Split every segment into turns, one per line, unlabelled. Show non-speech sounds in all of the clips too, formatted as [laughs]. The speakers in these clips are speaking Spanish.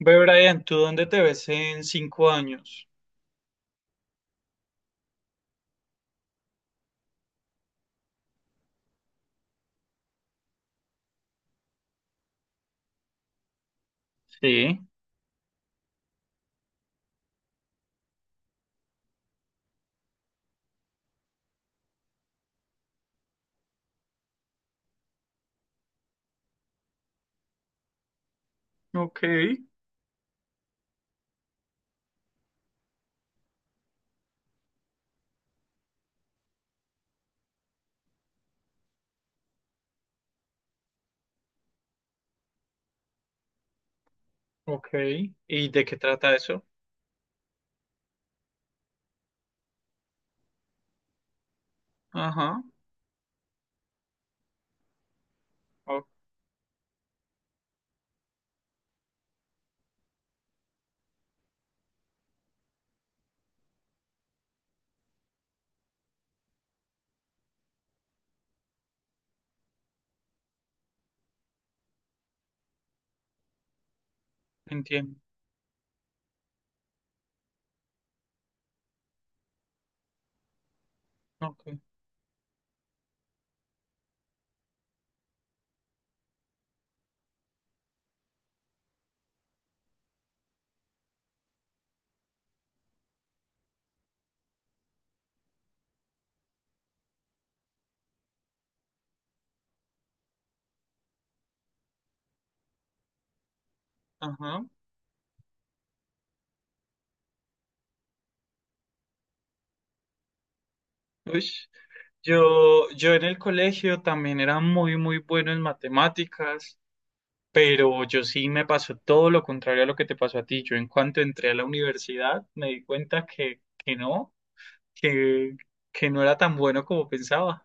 Ve, Brian, ¿tú dónde te ves en 5 años? Sí, ok. Ok. ¿Y de qué trata eso? Ajá. Ok, entiendo. Ok. Ajá. Uy, yo en el colegio también era muy, muy bueno en matemáticas, pero yo sí me pasó todo lo contrario a lo que te pasó a ti. Yo, en cuanto entré a la universidad, me di cuenta que no, que, que no era tan bueno como pensaba.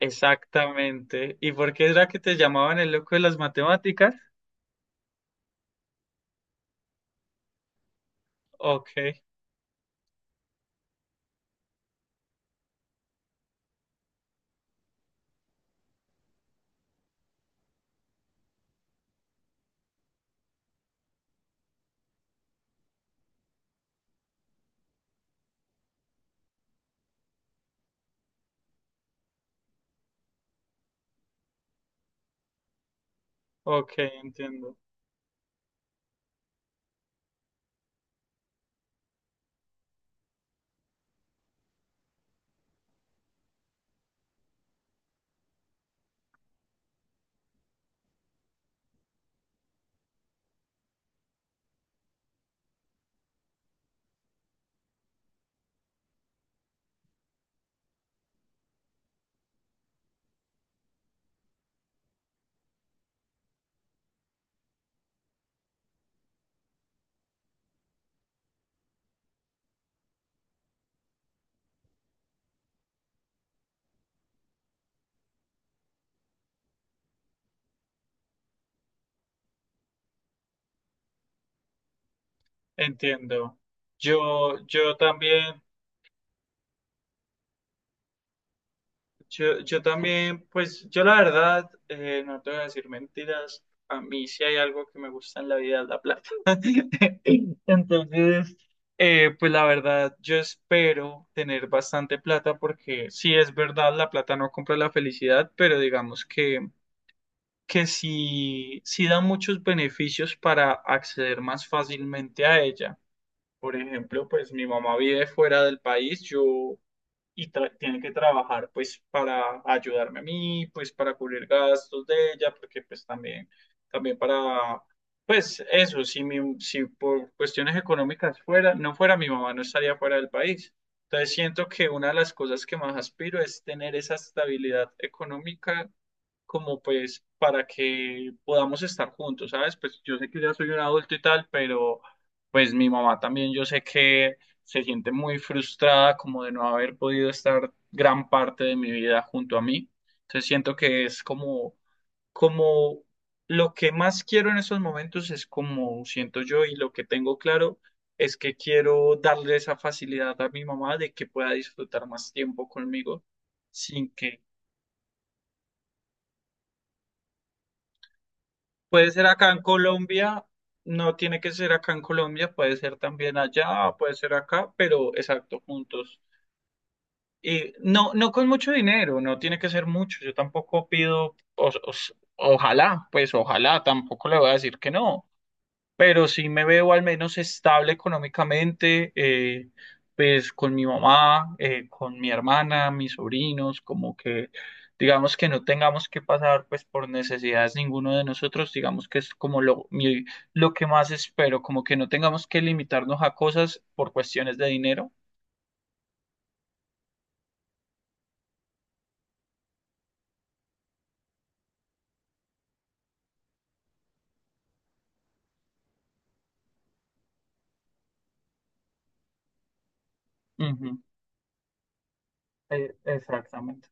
Exactamente. ¿Y por qué era que te llamaban el loco de las matemáticas? Ok, ok, entiendo, entiendo. Yo también, yo también, pues yo la verdad, no te voy a decir mentiras, a mí sí hay algo que me gusta en la vida, es la plata. [laughs] Entonces, pues la verdad, yo espero tener bastante plata, porque sí es verdad, la plata no compra la felicidad, pero digamos que sí, sí da muchos beneficios para acceder más fácilmente a ella. Por ejemplo, pues mi mamá vive fuera del país, tiene que trabajar pues para ayudarme a mí, pues para cubrir gastos de ella, porque pues también para, pues eso, si por cuestiones económicas fuera, no fuera mi mamá, no estaría fuera del país. Entonces siento que una de las cosas que más aspiro es tener esa estabilidad económica como pues para que podamos estar juntos, ¿sabes? Pues yo sé que ya soy un adulto y tal, pero pues mi mamá también yo sé que se siente muy frustrada como de no haber podido estar gran parte de mi vida junto a mí. Entonces siento que es como lo que más quiero en estos momentos es como siento yo, y lo que tengo claro es que quiero darle esa facilidad a mi mamá de que pueda disfrutar más tiempo conmigo sin que. Puede ser acá en Colombia, no tiene que ser acá en Colombia, puede ser también allá, puede ser acá, pero exacto, juntos. Y no, no con mucho dinero, no tiene que ser mucho. Yo tampoco pido, ojalá, pues ojalá, tampoco le voy a decir que no, pero sí me veo al menos estable económicamente, pues con mi mamá, con mi hermana, mis sobrinos, como que digamos que no tengamos que pasar pues por necesidades ninguno de nosotros, digamos que es como lo, lo que más espero, como que no tengamos que limitarnos a cosas por cuestiones de dinero. Ujú, exactamente.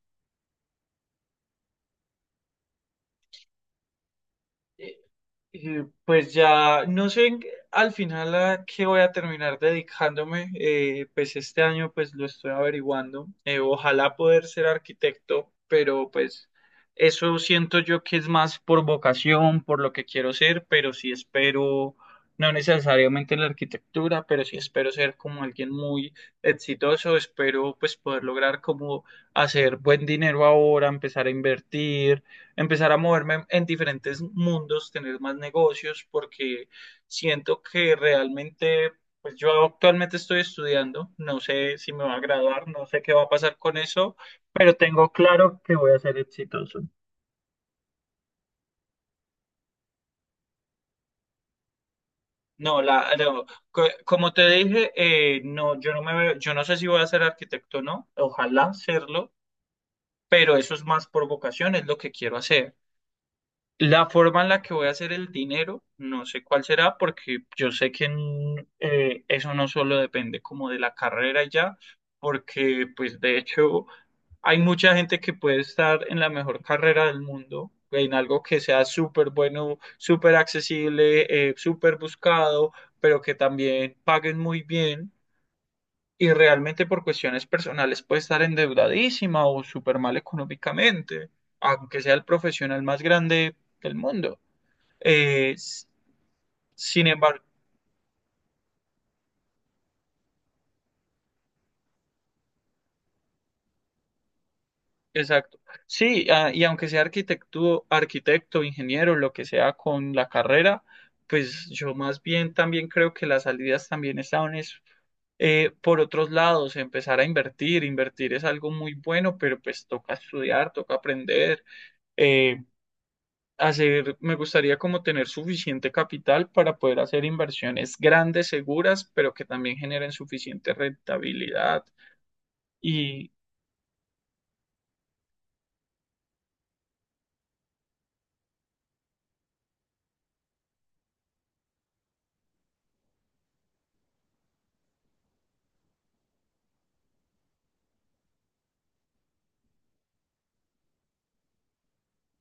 Pues ya no sé al final a qué voy a terminar dedicándome, pues este año pues lo estoy averiguando, ojalá poder ser arquitecto, pero pues eso siento yo que es más por vocación, por lo que quiero ser, pero sí espero, no necesariamente en la arquitectura, pero sí espero ser como alguien muy exitoso, espero pues poder lograr como hacer buen dinero ahora, empezar a invertir, empezar a moverme en diferentes mundos, tener más negocios, porque siento que realmente, pues yo actualmente estoy estudiando, no sé si me va a graduar, no sé qué va a pasar con eso, pero tengo claro que voy a ser exitoso. No, como te dije, no, yo no me veo, yo no sé si voy a ser arquitecto o no, ojalá serlo, pero eso es más por vocación, es lo que quiero hacer. La forma en la que voy a hacer el dinero, no sé cuál será, porque yo sé que eso no solo depende como de la carrera y ya, porque pues de hecho hay mucha gente que puede estar en la mejor carrera del mundo, en algo que sea súper bueno, súper accesible, súper buscado, pero que también paguen muy bien, y realmente por cuestiones personales puede estar endeudadísima o súper mal económicamente, aunque sea el profesional más grande del mundo. Eh, s- Sin embargo, exacto. Sí, ah, y aunque sea arquitecto, arquitecto, ingeniero, lo que sea con la carrera, pues yo más bien también creo que las salidas también están es, por otros lados, empezar a invertir. Invertir es algo muy bueno, pero pues toca estudiar, toca aprender, eh, hacer, me gustaría como tener suficiente capital para poder hacer inversiones grandes, seguras, pero que también generen suficiente rentabilidad. Y,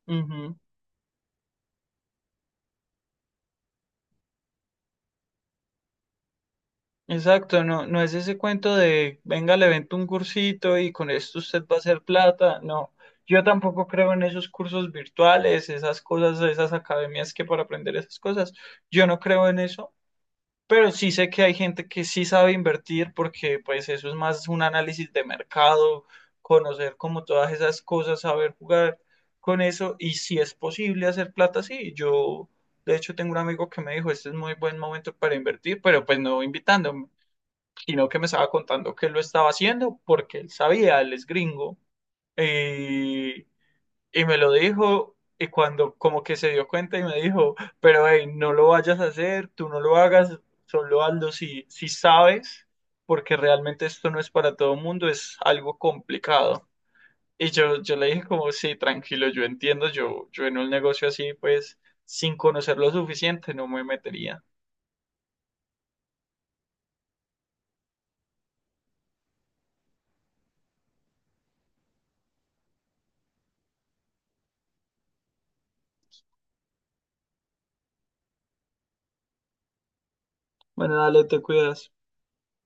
Ujú. Exacto, no, no es ese cuento de venga, le vendo un cursito y con esto usted va a hacer plata. No, yo tampoco creo en esos cursos virtuales, esas cosas, esas academias que para aprender esas cosas. Yo no creo en eso, pero sí sé que hay gente que sí sabe invertir, porque pues eso es más un análisis de mercado, conocer como todas esas cosas, saber jugar con eso, y si es posible hacer plata, sí, yo. De hecho, tengo un amigo que me dijo, este es muy buen momento para invertir, pero pues no invitándome, sino que me estaba contando que él lo estaba haciendo porque él sabía, él es gringo, y, y me lo dijo, y cuando como que se dio cuenta y me dijo, pero hey, no lo vayas a hacer, tú no lo hagas, solo hazlo si sabes, porque realmente esto no es para todo el mundo, es algo complicado. Y yo le dije como, sí, tranquilo, yo entiendo, yo en un negocio así, pues, sin conocer lo suficiente, no me metería. Bueno, dale, te cuidas.